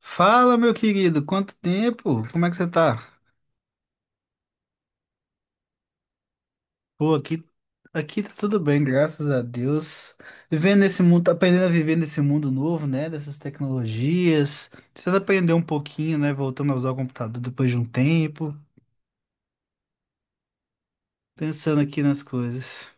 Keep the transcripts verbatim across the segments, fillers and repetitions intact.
Fala, meu querido, quanto tempo? Como é que você tá? Pô, aqui, aqui tá tudo bem, graças a Deus. Vivendo nesse mundo, aprendendo a viver nesse mundo novo, né? Dessas tecnologias. Precisando aprender um pouquinho, né? Voltando a usar o computador depois de um tempo. Pensando aqui nas coisas.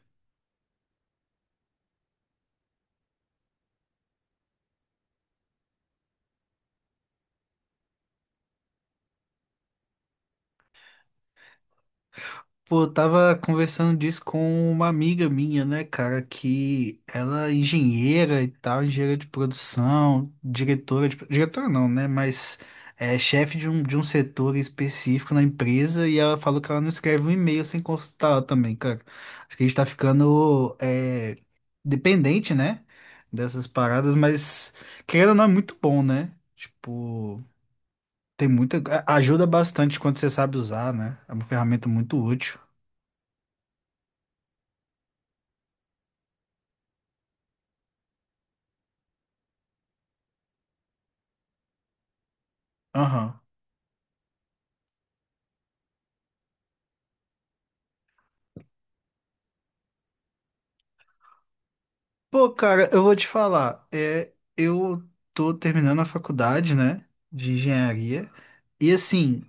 Pô, eu tava conversando disso com uma amiga minha, né, cara, que ela é engenheira e tal, engenheira de produção, diretora de... Diretora não, né, mas é chefe de um, de um setor específico na empresa e ela falou que ela não escreve um e-mail sem consultar ela também, cara. Acho que a gente tá ficando é, dependente, né, dessas paradas, mas querendo ou não é muito bom, né? Tipo, tem muita... a- Ajuda bastante quando você sabe usar, né? É uma ferramenta muito útil. Aham. Pô, cara, eu vou te falar. É, eu tô terminando a faculdade, né, de engenharia. E assim,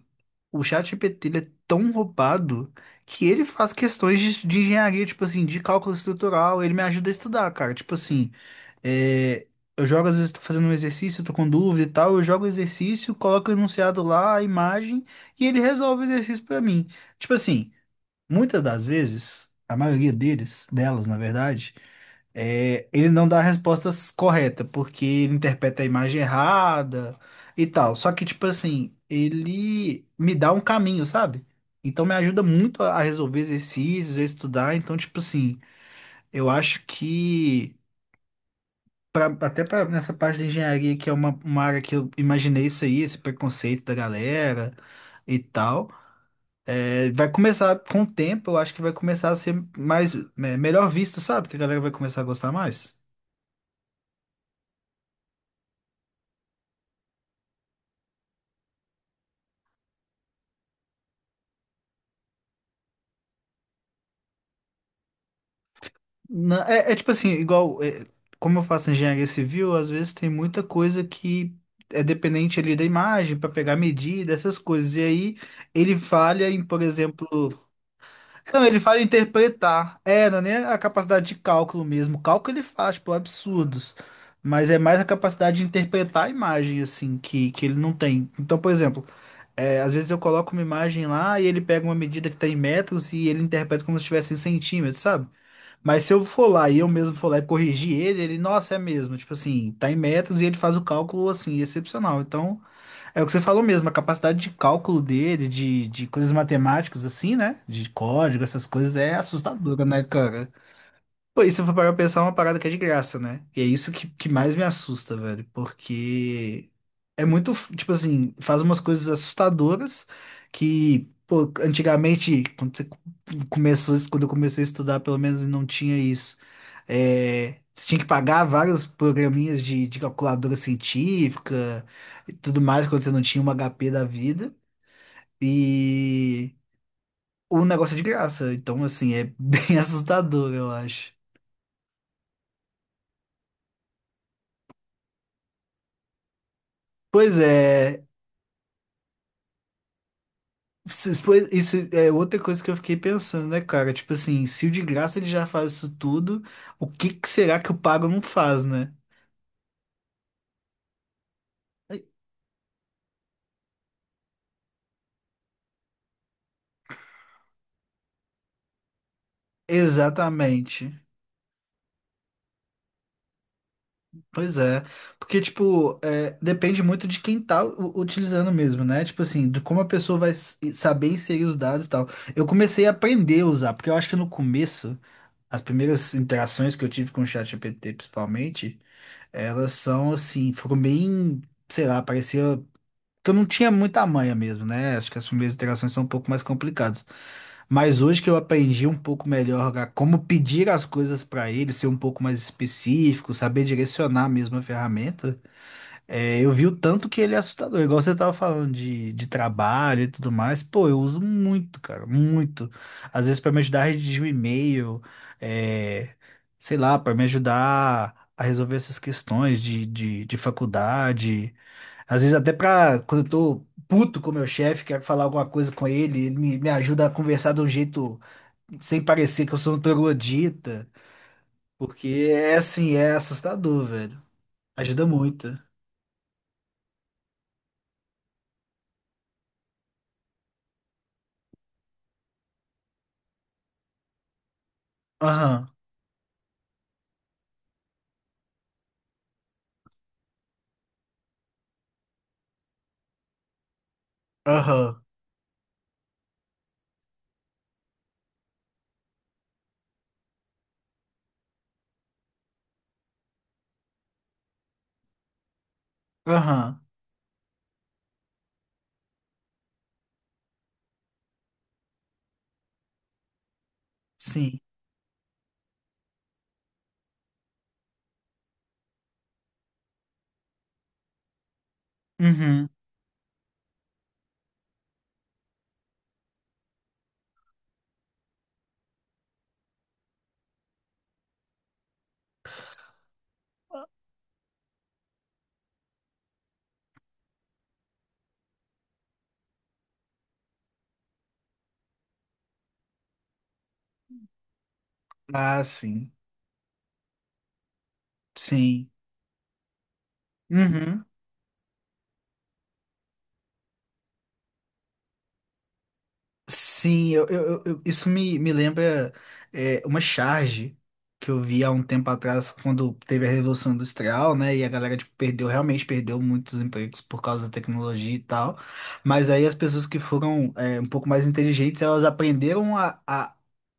o ChatGPT ele é tão roubado que ele faz questões de, de engenharia, tipo assim, de cálculo estrutural. Ele me ajuda a estudar, cara. Tipo assim, é, eu jogo, às vezes, tô fazendo um exercício, tô com dúvida e tal. Eu jogo o exercício, coloco o enunciado lá, a imagem, e ele resolve o exercício pra mim. Tipo assim, muitas das vezes, a maioria deles, delas, na verdade. É, ele não dá a resposta correta, porque ele interpreta a imagem errada e tal. Só que, tipo assim, ele me dá um caminho, sabe? Então me ajuda muito a a resolver exercícios, a estudar. Então, tipo assim, eu acho que, pra- até pra, nessa parte da engenharia, que é uma, uma área que eu imaginei isso aí, esse preconceito da galera e tal, é, vai começar, com o tempo, eu acho que vai começar a ser mais, é, melhor visto, sabe? Que a galera vai começar a gostar mais. Na- é, é tipo assim, igual, é, como eu faço engenharia civil, às vezes tem muita coisa que é dependente ali da imagem para pegar medida, essas coisas. E aí ele falha em, por exemplo, não, ele falha em interpretar. É, não é nem a capacidade de cálculo mesmo. Cálculo ele faz, tipo, absurdos. Mas é mais a capacidade de interpretar a imagem, assim, que, que ele não tem. Então, por exemplo, é, às vezes eu coloco uma imagem lá e ele pega uma medida que está em metros e ele interpreta como se estivesse em centímetros, sabe? Mas se eu for lá e eu mesmo for lá e corrigir ele, ele, nossa, é mesmo. Tipo assim, tá em metros e ele faz o cálculo assim, excepcional. Então, é o que você falou mesmo, a capacidade de cálculo dele, de, de coisas matemáticas assim, né? De código, essas coisas é assustadora, né, cara? Pô, isso eu vou parar pra pensar é uma parada que é de graça, né? E é isso que, que mais me assusta, velho. Porque é muito, f- tipo assim, faz umas coisas assustadoras que, pô, antigamente, quando você co- começou, quando eu comecei a estudar, pelo menos não tinha isso. É, você tinha que pagar vários programinhas de, de calculadora científica e tudo mais, quando você não tinha um agá pê da vida. E o negócio é de graça. Então, assim, é bem assustador, eu acho. Pois é, Vocês- pois- Isso é outra coisa que eu fiquei pensando, né, cara? Tipo assim, se o de graça ele já faz isso tudo, o que que será que o pago não faz, né? Exatamente. Pois é. Porque, tipo, é, depende muito de quem tá u- utilizando mesmo, né? Tipo assim, de como a pessoa vai s- saber inserir os dados e tal. Eu comecei a aprender a usar, porque eu acho que no começo, as primeiras interações que eu tive com o ChatGPT, principalmente, elas são assim, foram bem, sei lá, parecia. Que eu não tinha muita manha mesmo, né? Acho que as primeiras interações são um pouco mais complicadas. Mas hoje que eu aprendi um pouco melhor a como pedir as coisas para ele, ser um pouco mais específico, saber direcionar mesmo a ferramenta, é, eu vi o tanto que ele é assustador. Igual você tava falando de, de trabalho e tudo mais, pô, eu uso muito, cara, muito. Às vezes para me ajudar a redigir um e-mail, é, sei lá, para me ajudar a resolver essas questões de, de, de faculdade. Às vezes até pra, quando eu tô puto com o meu chefe, quero falar alguma coisa com ele, ele me, me ajuda a conversar de um jeito sem parecer que eu sou um troglodita, porque é assim, é assustador, velho. Ajuda muito. Aham, aham, aham, sim. Uhum. Ah, sim, sim. Uhum. Sim, eu, eu- eu- eu- isso me, me lembra é, uma charge que eu vi há um tempo atrás, quando teve a Revolução Industrial, né? E a galera tipo, perdeu, realmente perdeu muitos empregos por causa da tecnologia e tal. Mas aí as pessoas que foram é, um pouco mais inteligentes, elas aprenderam a, a,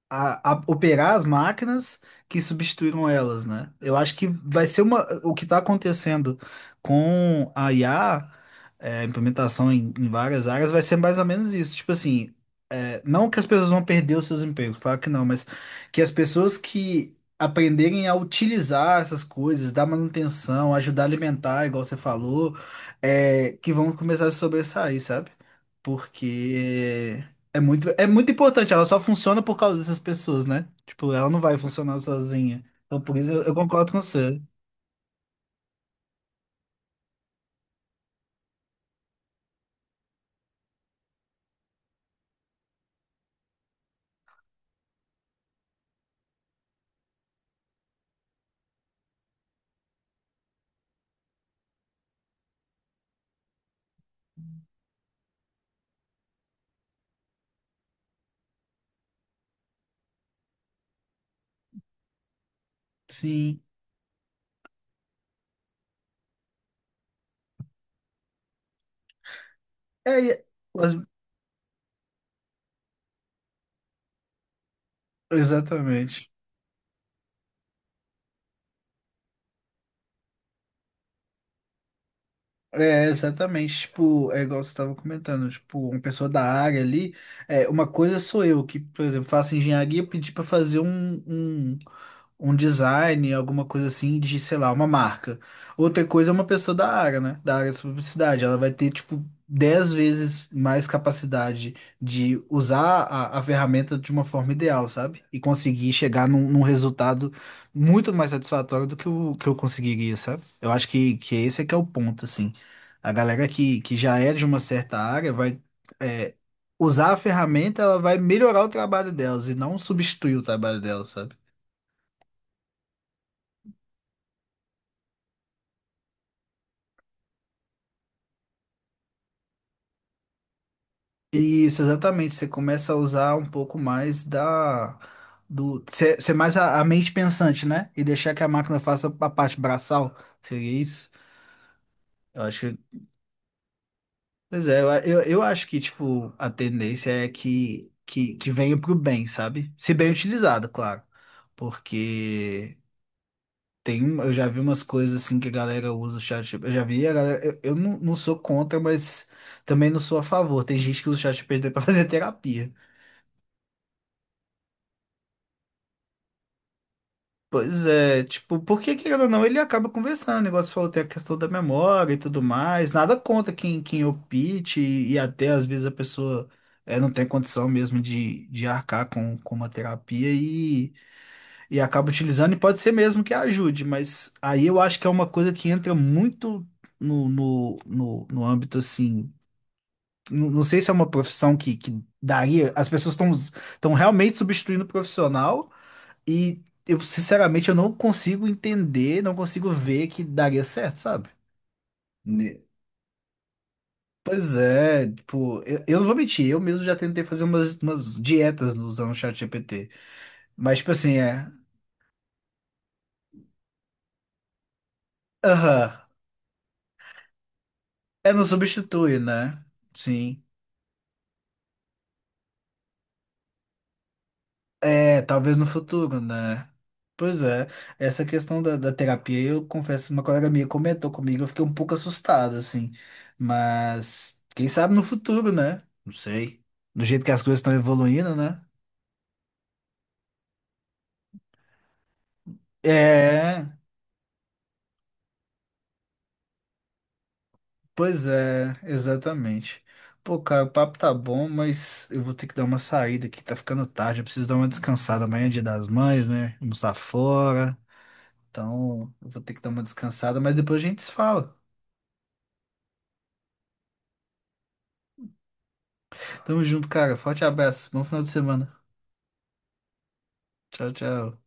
a, a operar as máquinas que substituíram elas, né? Eu acho que vai ser uma, o que está acontecendo com a I A, é, implementação em, em várias áreas, vai ser mais ou menos isso. Tipo assim, é, não que as pessoas vão perder os seus empregos, claro que não, mas que as pessoas que aprenderem a utilizar essas coisas, dar manutenção, ajudar a alimentar, igual você falou, é, que vão começar a se sobressair, sabe? Porque é muito, é muito importante, ela só funciona por causa dessas pessoas, né? Tipo, ela não vai funcionar sozinha. Então, por isso eu, eu concordo com você. Sim. É, e- as- exatamente. É, exatamente. Tipo, é igual você estava comentando, tipo, uma pessoa da área ali, é, uma coisa sou eu que, por exemplo, faço engenharia e pedi para fazer um, um um design, alguma coisa assim, de, sei lá, uma marca. Outra coisa é uma pessoa da área, né? Da área de publicidade. Ela vai ter, tipo, dez vezes mais capacidade de usar a, a ferramenta de uma forma ideal, sabe? E conseguir chegar num, num resultado muito mais satisfatório do que o que eu conseguiria, sabe? Eu acho que, que esse é que é o ponto, assim. A galera que, que já é de uma certa área vai. É, Usar a ferramenta, ela vai melhorar o trabalho delas e não substituir o trabalho delas, sabe? Isso, exatamente. Você começa a usar um pouco mais da do ser, ser mais a, a mente pensante, né? E deixar que a máquina faça a parte braçal. Seria isso? Eu acho que, pois é, eu, eu, eu acho que tipo a tendência é que que, que venha pro bem, sabe? Se bem utilizado, claro. Porque tem, um- eu já vi umas coisas assim que a galera usa o chat. Eu já vi a galera, eu, eu não, não sou contra, mas também não sou a favor. Tem gente que usa o chat G P T para fazer terapia. Pois é, tipo, porque querendo ou não, ele acaba conversando. O negócio falou, tem a questão da memória e tudo mais. Nada contra quem, quem opte, e, e até às vezes a pessoa é, não tem condição mesmo de, de arcar com, com uma terapia e, e acaba utilizando, e pode ser mesmo que ajude, mas aí eu acho que é uma coisa que entra muito no, no, no, no âmbito assim. Não, não sei se é uma profissão que, que daria. As pessoas estão estão realmente substituindo o profissional. E eu, sinceramente, eu não consigo entender, não consigo ver que daria certo, sabe? Ne- Pois é, tipo, eu, eu não vou mentir, eu mesmo já tentei fazer umas, umas dietas usando o ChatGPT. Mas, tipo assim, é. Aham, é, não substitui, né? Sim. É, talvez no futuro, né? Pois é, essa questão da, da terapia, eu confesso, uma colega minha comentou comigo, eu fiquei um pouco assustado, assim. Mas, quem sabe no futuro, né? Não sei. Do jeito que as coisas estão evoluindo, né? É, pois é, exatamente. Pô, cara, o papo tá bom, mas eu vou ter que dar uma saída aqui, tá ficando tarde, eu preciso dar uma descansada. Amanhã é Dia das Mães, né? Almoçar fora. Então, eu vou ter que dar uma descansada, mas depois a gente se fala. Tamo junto, cara. Forte abraço. Bom final de semana. Tchau, tchau.